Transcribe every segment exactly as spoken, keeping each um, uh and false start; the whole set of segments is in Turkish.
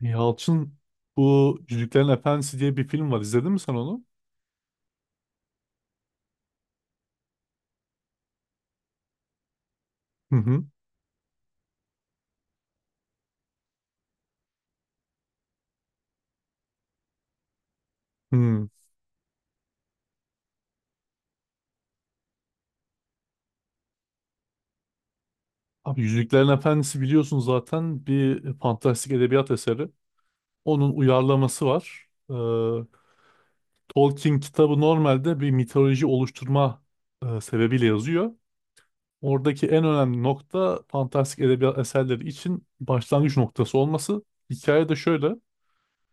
Yalçın bu Yüzüklerin Efendisi diye bir film var. İzledin mi sen onu? Hı hı. Hı. Abi Yüzüklerin Efendisi biliyorsun zaten bir fantastik edebiyat eseri. Onun uyarlaması var. Ee, Tolkien kitabı normalde bir mitoloji oluşturma e, sebebiyle yazıyor. Oradaki en önemli nokta fantastik edebiyat eserleri için başlangıç noktası olması. Hikaye de şöyle.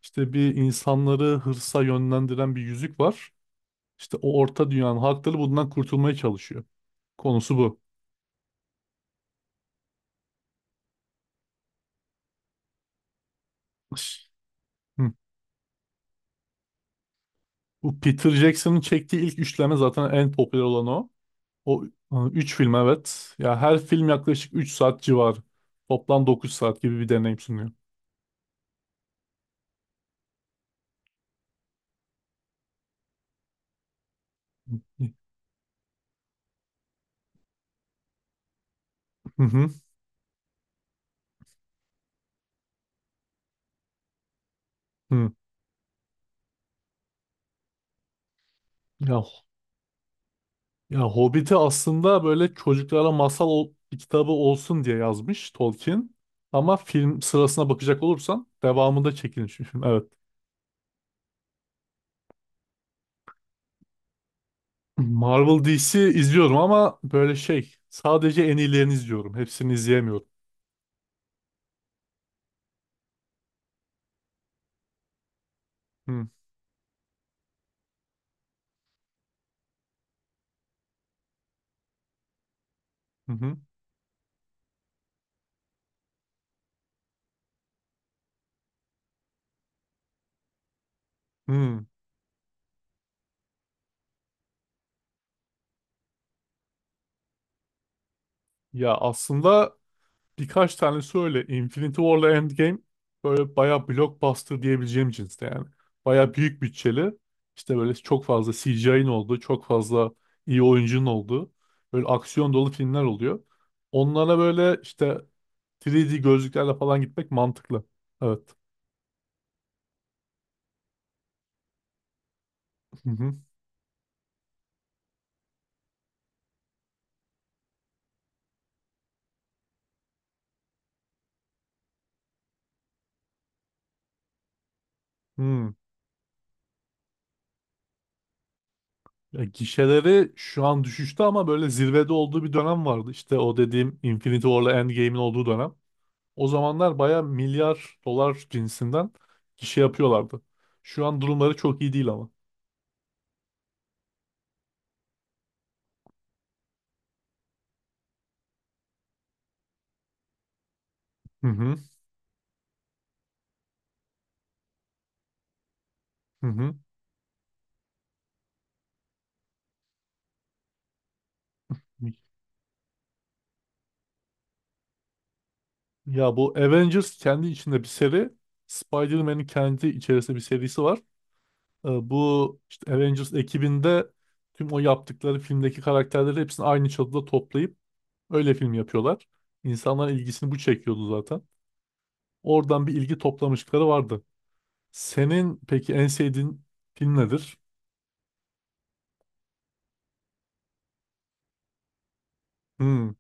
İşte bir insanları hırsa yönlendiren bir yüzük var. İşte o orta dünyanın halkları bundan kurtulmaya çalışıyor. Konusu bu. Hı. Bu Peter Jackson'ın çektiği ilk üçleme zaten en popüler olan o. O e, üç film, evet. Ya her film yaklaşık üç saat civarı. Toplam dokuz saat gibi bir deneyim sunuyor. Hı hı. Hı. Ya, ya Hobbit'i aslında böyle çocuklara masal ol- kitabı olsun diye yazmış Tolkien. Ama film sırasına bakacak olursan devamında çekilmiş bir film. Evet. Marvel D C izliyorum ama böyle şey sadece en iyilerini izliyorum. Hepsini izleyemiyorum. Hı hı hı. Hı. Ya aslında birkaç tanesi öyle. Infinity War'la Endgame böyle bayağı blockbuster diyebileceğim cinste yani. Bayağı büyük bütçeli. İşte böyle çok fazla C G I'nin olduğu, çok fazla iyi oyuncunun olduğu böyle aksiyon dolu filmler oluyor. Onlara böyle işte üç D gözlüklerle falan gitmek mantıklı. Evet. Hı hı. Hı. Ya gişeleri şu an düşüşte ama böyle zirvede olduğu bir dönem vardı. İşte o dediğim Infinity War'la Endgame'in olduğu dönem. O zamanlar baya milyar dolar cinsinden gişe yapıyorlardı. Şu an durumları çok iyi değil ama. Hı hı hı hı. Ya bu Avengers kendi içinde bir seri. Spider-Man'in kendi içerisinde bir serisi var. Ee, Bu işte Avengers ekibinde tüm o yaptıkları filmdeki karakterleri hepsini aynı çatıda toplayıp öyle film yapıyorlar. İnsanların ilgisini bu çekiyordu zaten. Oradan bir ilgi toplamışlıkları vardı. Senin peki en sevdiğin film nedir? Hmm,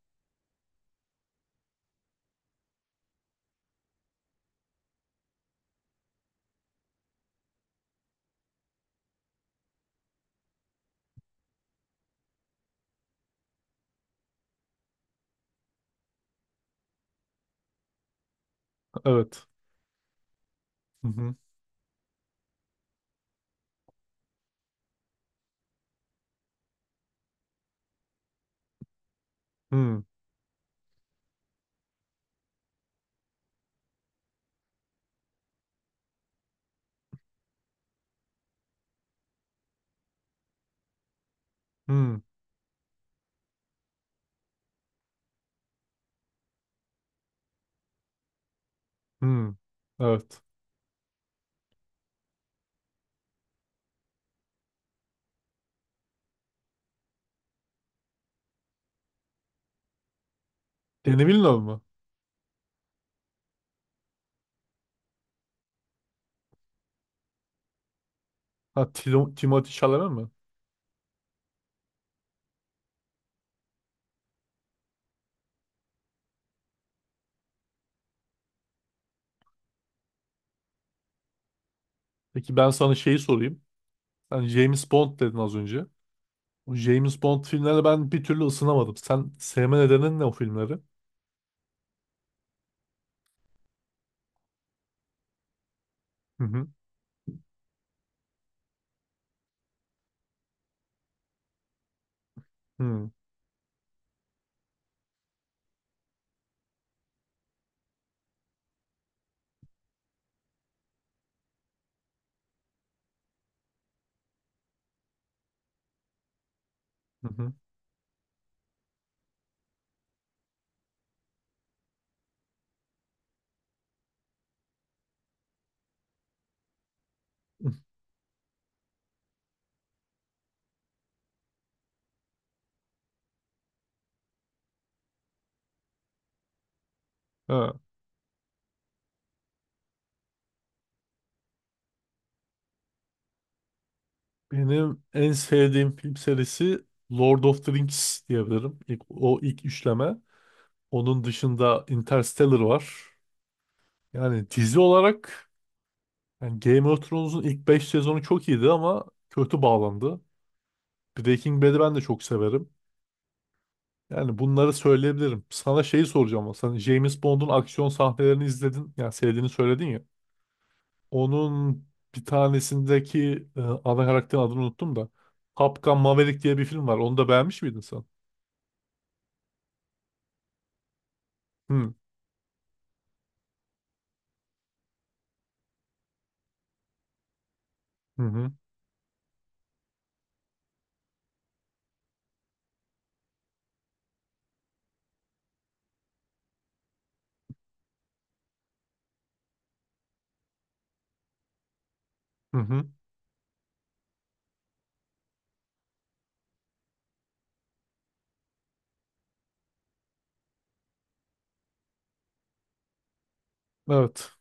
evet. Hı hı. Hmm, hmm, hmm. Evet. Denis Villeneuve mu? Ha, Tilo- Timothée Chalamet mi? Peki ben sana şeyi sorayım. Sen James Bond dedin az önce. O James Bond filmlerine ben bir türlü ısınamadım. Sen sevme nedenin ne o filmleri? Hı hı. Hı hı. Hı. Ha, benim en sevdiğim film serisi Lord of the Rings diyebilirim. İlk, o ilk üçleme. Onun dışında Interstellar var. Yani dizi olarak, yani Game of Thrones'un ilk beş sezonu çok iyiydi ama kötü bağlandı. Breaking Bad'i ben de çok severim. Yani bunları söyleyebilirim. Sana şeyi soracağım ama. Sen James Bond'un aksiyon sahnelerini izledin. Yani sevdiğini söyledin ya. Onun bir tanesindeki e, ana karakterin adını unuttum da. Top Gun Maverick diye bir film var. Onu da beğenmiş miydin sen? Hı hı hı. Hı hı. Evet.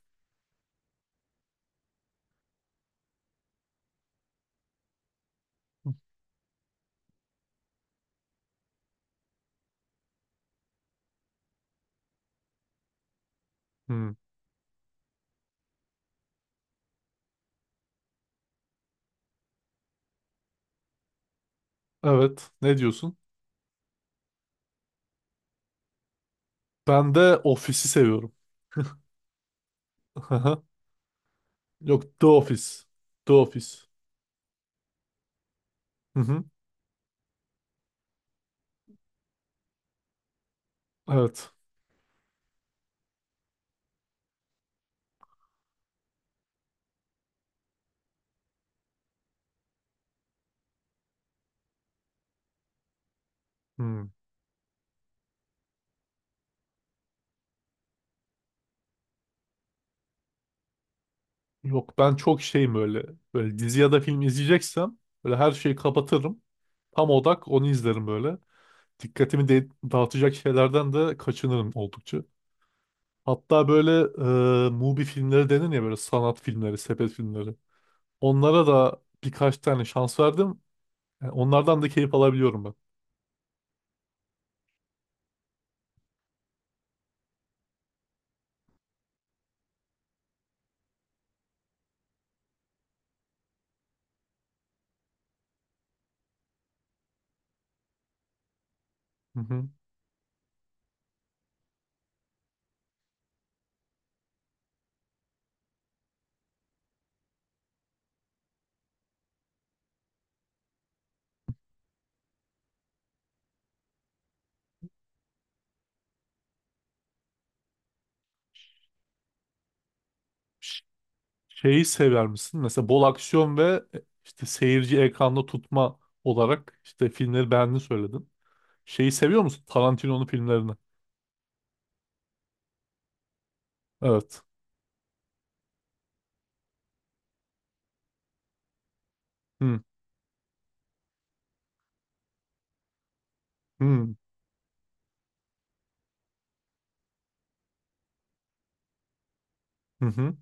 Hı. Evet. Ne diyorsun? Ben de Office'i seviyorum. Aha. Yok, The Office. The Office. Hı hı. Evet. Hmm. Yok, ben çok şeyim böyle. Böyle dizi ya da film izleyeceksem böyle her şeyi kapatırım. Tam odak onu izlerim böyle. Dikkatimi de dağıtacak şeylerden de kaçınırım oldukça. Hatta böyle e, Mubi filmleri denir ya, böyle sanat filmleri, sepet filmleri. Onlara da birkaç tane şans verdim. Yani onlardan da keyif alabiliyorum ben. Hı hı. Şeyi sever misin? Mesela bol aksiyon ve e, işte seyirci ekranda tutma olarak işte filmleri beğendiğini söyledin. Şeyi seviyor musun? Tarantino'nun filmlerini. Evet. Hı hı hı hı.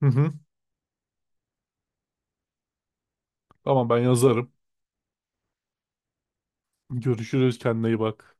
Hı hı. Tamam, ben yazarım. Görüşürüz, kendine iyi bak.